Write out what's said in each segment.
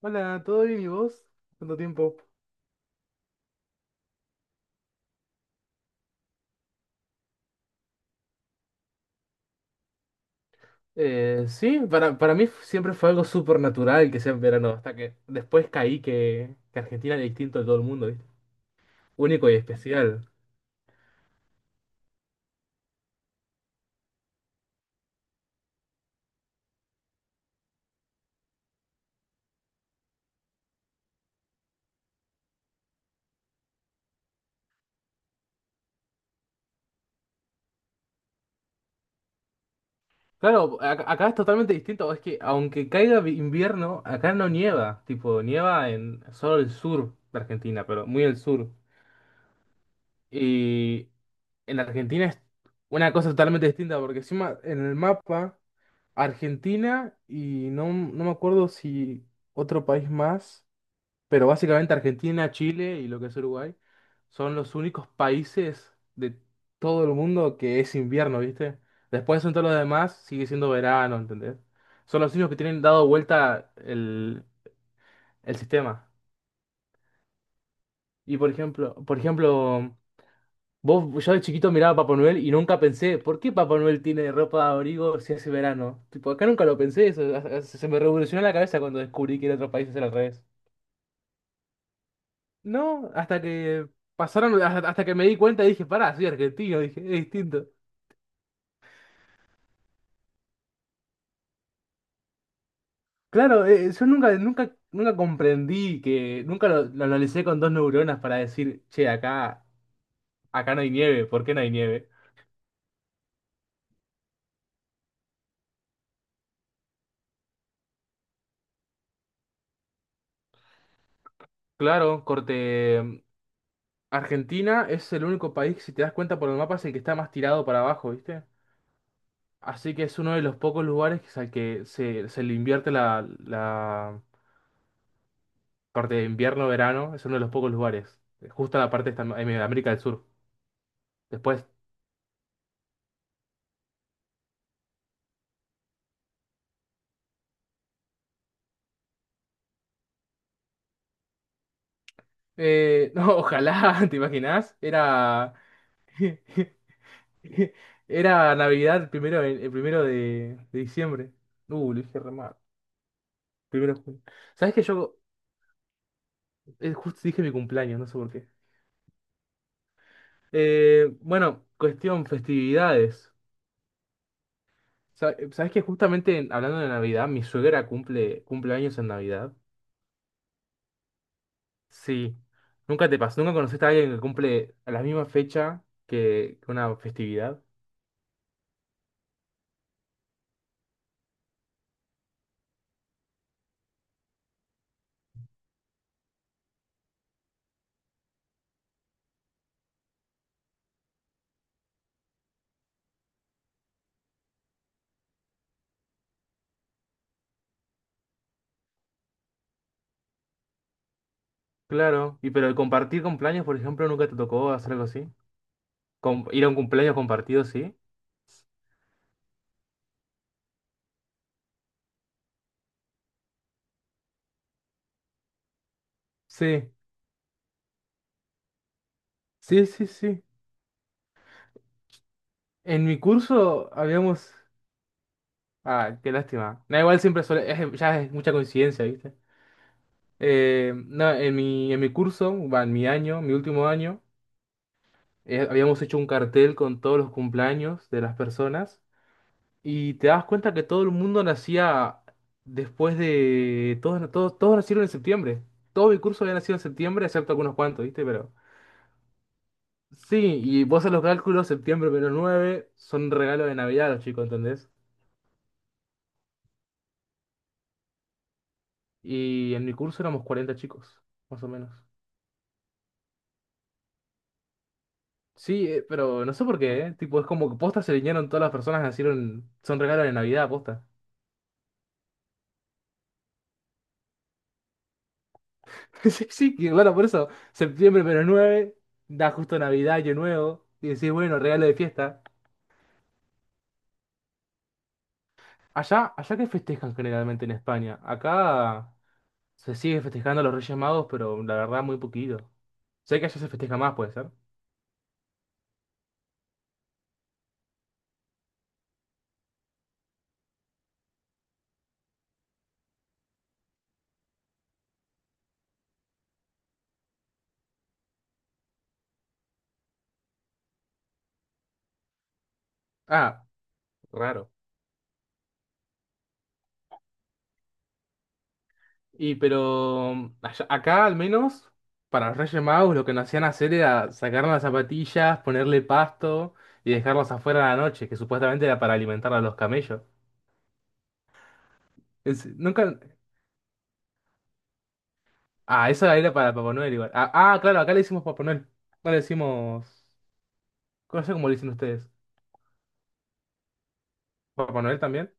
Hola, ¿todo bien y vos? ¿Cuánto tiempo? Sí, para mí siempre fue algo súper natural que sea en verano, hasta que después caí que Argentina era distinto de todo el mundo, ¿viste? Único y especial. Claro, acá es totalmente distinto, es que aunque caiga invierno, acá no nieva, tipo, nieva en solo el sur de Argentina, pero muy el sur. En Argentina es una cosa totalmente distinta, porque encima en el mapa, Argentina y no me acuerdo si otro país más, pero básicamente Argentina, Chile y lo que es Uruguay son los únicos países de todo el mundo que es invierno, ¿viste? Después en todos los demás sigue siendo verano, ¿entendés? Son los únicos que tienen dado vuelta el, sistema. Y por ejemplo, vos, yo de chiquito miraba a Papá Noel y nunca pensé, ¿por qué Papá Noel tiene ropa de abrigo si hace verano? Tipo, acá nunca lo pensé, eso, se me revolucionó la cabeza cuando descubrí que en otros países era al revés. No, hasta que pasaron, hasta que me di cuenta y dije, pará, soy argentino, dije, es distinto. Claro, yo nunca comprendí que, nunca lo analicé con dos neuronas para decir, che, acá, no hay nieve, ¿por qué no hay nieve? Claro, corte. Argentina es el único país, si te das cuenta por el mapa, es el que está más tirado para abajo, ¿viste? Así que es uno de los pocos lugares al que se le invierte la parte de invierno-verano. Es uno de los pocos lugares. Justo en la parte en América del Sur. Después. No, ojalá, ¿te imaginás? Era. Era Navidad el primero, el primero de diciembre. Lo dije re mal. Primero de junio. ¿Sabés que yo justo dije mi cumpleaños? No sé por qué. Bueno, cuestión festividades. ¿Sabes que justamente hablando de Navidad, mi suegra cumple años en Navidad? Sí. ¿Nunca te pasó? ¿Nunca conociste a alguien que cumple a la misma fecha que una festividad? Claro. ¿Y pero el compartir cumpleaños, por ejemplo, nunca te tocó hacer algo así? ¿Ir a un cumpleaños compartido, sí? Sí, sí, sí, sí. En mi curso habíamos... Ah, qué lástima. No, igual siempre suele... ya es mucha coincidencia, ¿viste? No, en mi curso, va, en mi año, mi último año. Habíamos hecho un cartel con todos los cumpleaños de las personas y te das cuenta que todo el mundo nacía después de... Todos, todos, todos nacieron en septiembre. Todo mi curso había nacido en septiembre, excepto algunos cuantos, ¿viste? Pero... Sí, y vos haces los cálculos, septiembre menos 9 son regalos de Navidad a los chicos, ¿entendés? Y en mi curso éramos 40 chicos, más o menos. Sí, pero no sé por qué, ¿eh? Tipo, es como que posta se alinearon todas las personas que nacieron, son regalos de Navidad, posta. Sí, sí, que bueno, por eso, septiembre menos 9 da justo Navidad, Año Nuevo, y decís, bueno, regalo de fiesta. Allá que festejan generalmente en España. Acá se sigue festejando a los Reyes Magos, pero la verdad muy poquito. Sé que allá se festeja más, puede ser. Ah, raro. Y pero acá al menos, para los Reyes Magos lo que nos hacían hacer era sacar las zapatillas, ponerle pasto y dejarlos afuera a la noche, que supuestamente era para alimentar a los camellos. Es- nunca, Ah, esa era para Papá Noel igual. Ah, ah, claro, acá le decimos Papá Noel. No le decimos. No sé cómo le dicen ustedes. ¿Papá Noel también?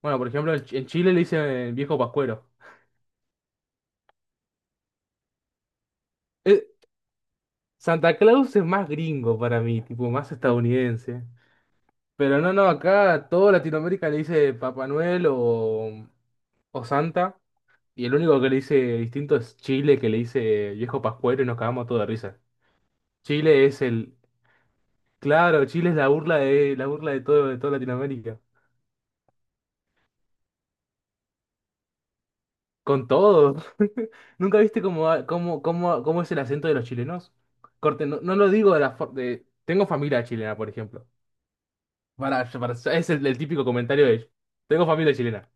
Bueno, por ejemplo, en Chile le dicen el viejo Pascuero. Eh, Santa Claus es más gringo para mí, tipo, más estadounidense. Pero no, no, acá toda Latinoamérica le dice Papá Noel o, Santa. Y el único que le dice distinto es Chile, que le dice viejo Pascuero y nos cagamos todos de risa. Chile es el. Claro, Chile es la burla de todo, de toda Latinoamérica. Con todo. ¿Nunca viste cómo, ha- cómo, cómo, cómo es el acento de los chilenos? Corte, no lo digo de la de... Tengo familia chilena, por ejemplo. Es el típico comentario de ellos. Tengo familia chilena.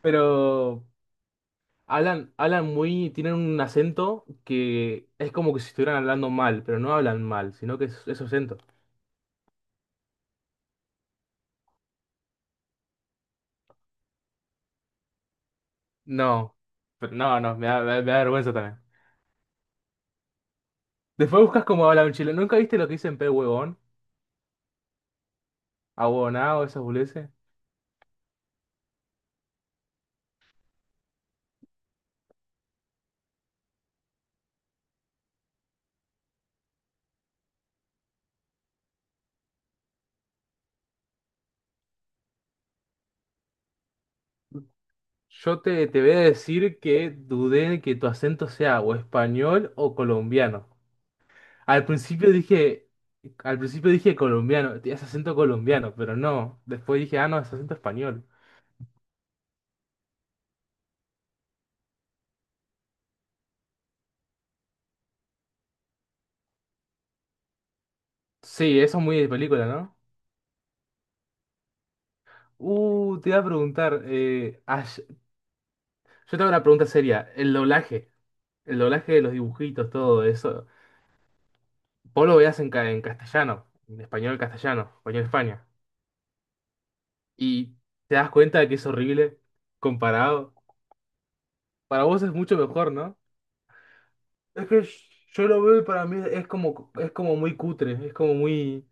Pero hablan muy... Tienen un acento que es como que si estuvieran hablando mal, pero no hablan mal, sino que es su acento. No. Pero no, no, me da vergüenza también. Después buscas cómo habla un chileno. ¿Nunca viste lo que dicen pe huevón? Ahuevonao, esas boludeces. Yo te voy a decir que dudé de que tu acento sea o español o colombiano. Al principio dije, al principio dije colombiano, tienes acento colombiano, pero no. Después dije, ah, no, es acento español. Sí, eso es muy de película, ¿no? Te iba a preguntar, yo tengo una pregunta seria, el doblaje de los dibujitos, todo eso. Vos lo veías en castellano, en español castellano, español España. Y te das cuenta de que es horrible comparado. Para vos es mucho mejor, ¿no? Es que yo lo veo y para mí es como muy cutre, es como muy...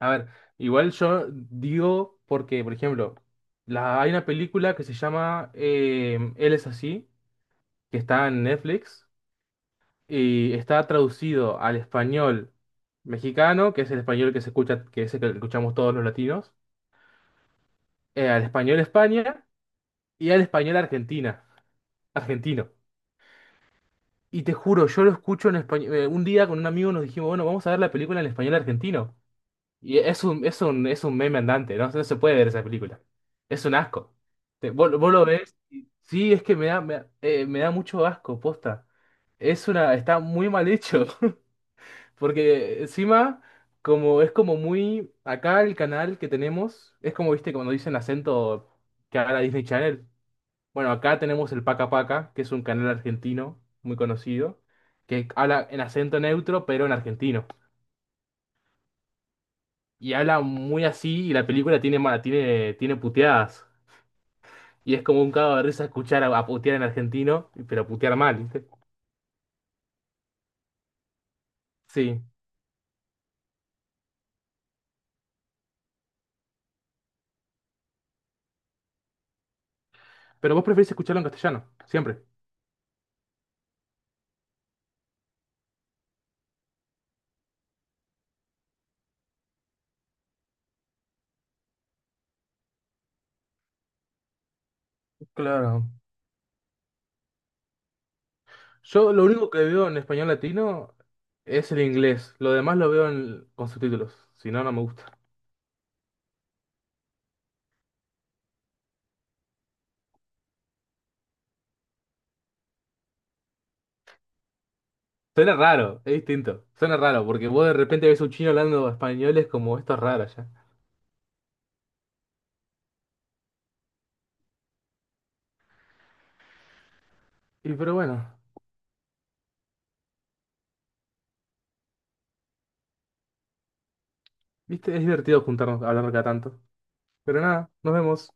A ver, igual yo digo porque, por ejemplo, hay una película que se llama Él es así, que está en Netflix y está traducido al español mexicano, que es el español que se escucha, que es el que escuchamos todos los latinos, al español España y al español Argentina, argentino. Y te juro, yo lo escucho en español. Un día con un amigo nos dijimos, bueno, vamos a ver la película en español argentino. Y es un meme andante, ¿no? No se puede ver esa película. Es un asco. Vos lo ves. Sí, es que me da mucho asco, posta. Está muy mal hecho. Porque encima, como es como muy. Acá el canal que tenemos, es como, viste, cuando dicen acento que habla Disney Channel. Bueno, acá tenemos el Paca Paca, que es un canal argentino muy conocido, que habla en acento neutro, pero en argentino. Y habla muy así, y la película tiene puteadas. Y es como un cago de risa escuchar a putear en argentino, pero putear mal, ¿viste? Sí. Pero vos preferís escucharlo en castellano, siempre. Claro. Yo lo único que veo en español latino es el inglés. Lo demás lo veo con subtítulos. Si no, no me gusta. Suena raro, es distinto. Suena raro, porque vos de repente ves un chino hablando español, es como esto es raro ya. Y pero bueno, viste, es divertido juntarnos a hablar cada tanto. Pero nada, nos vemos.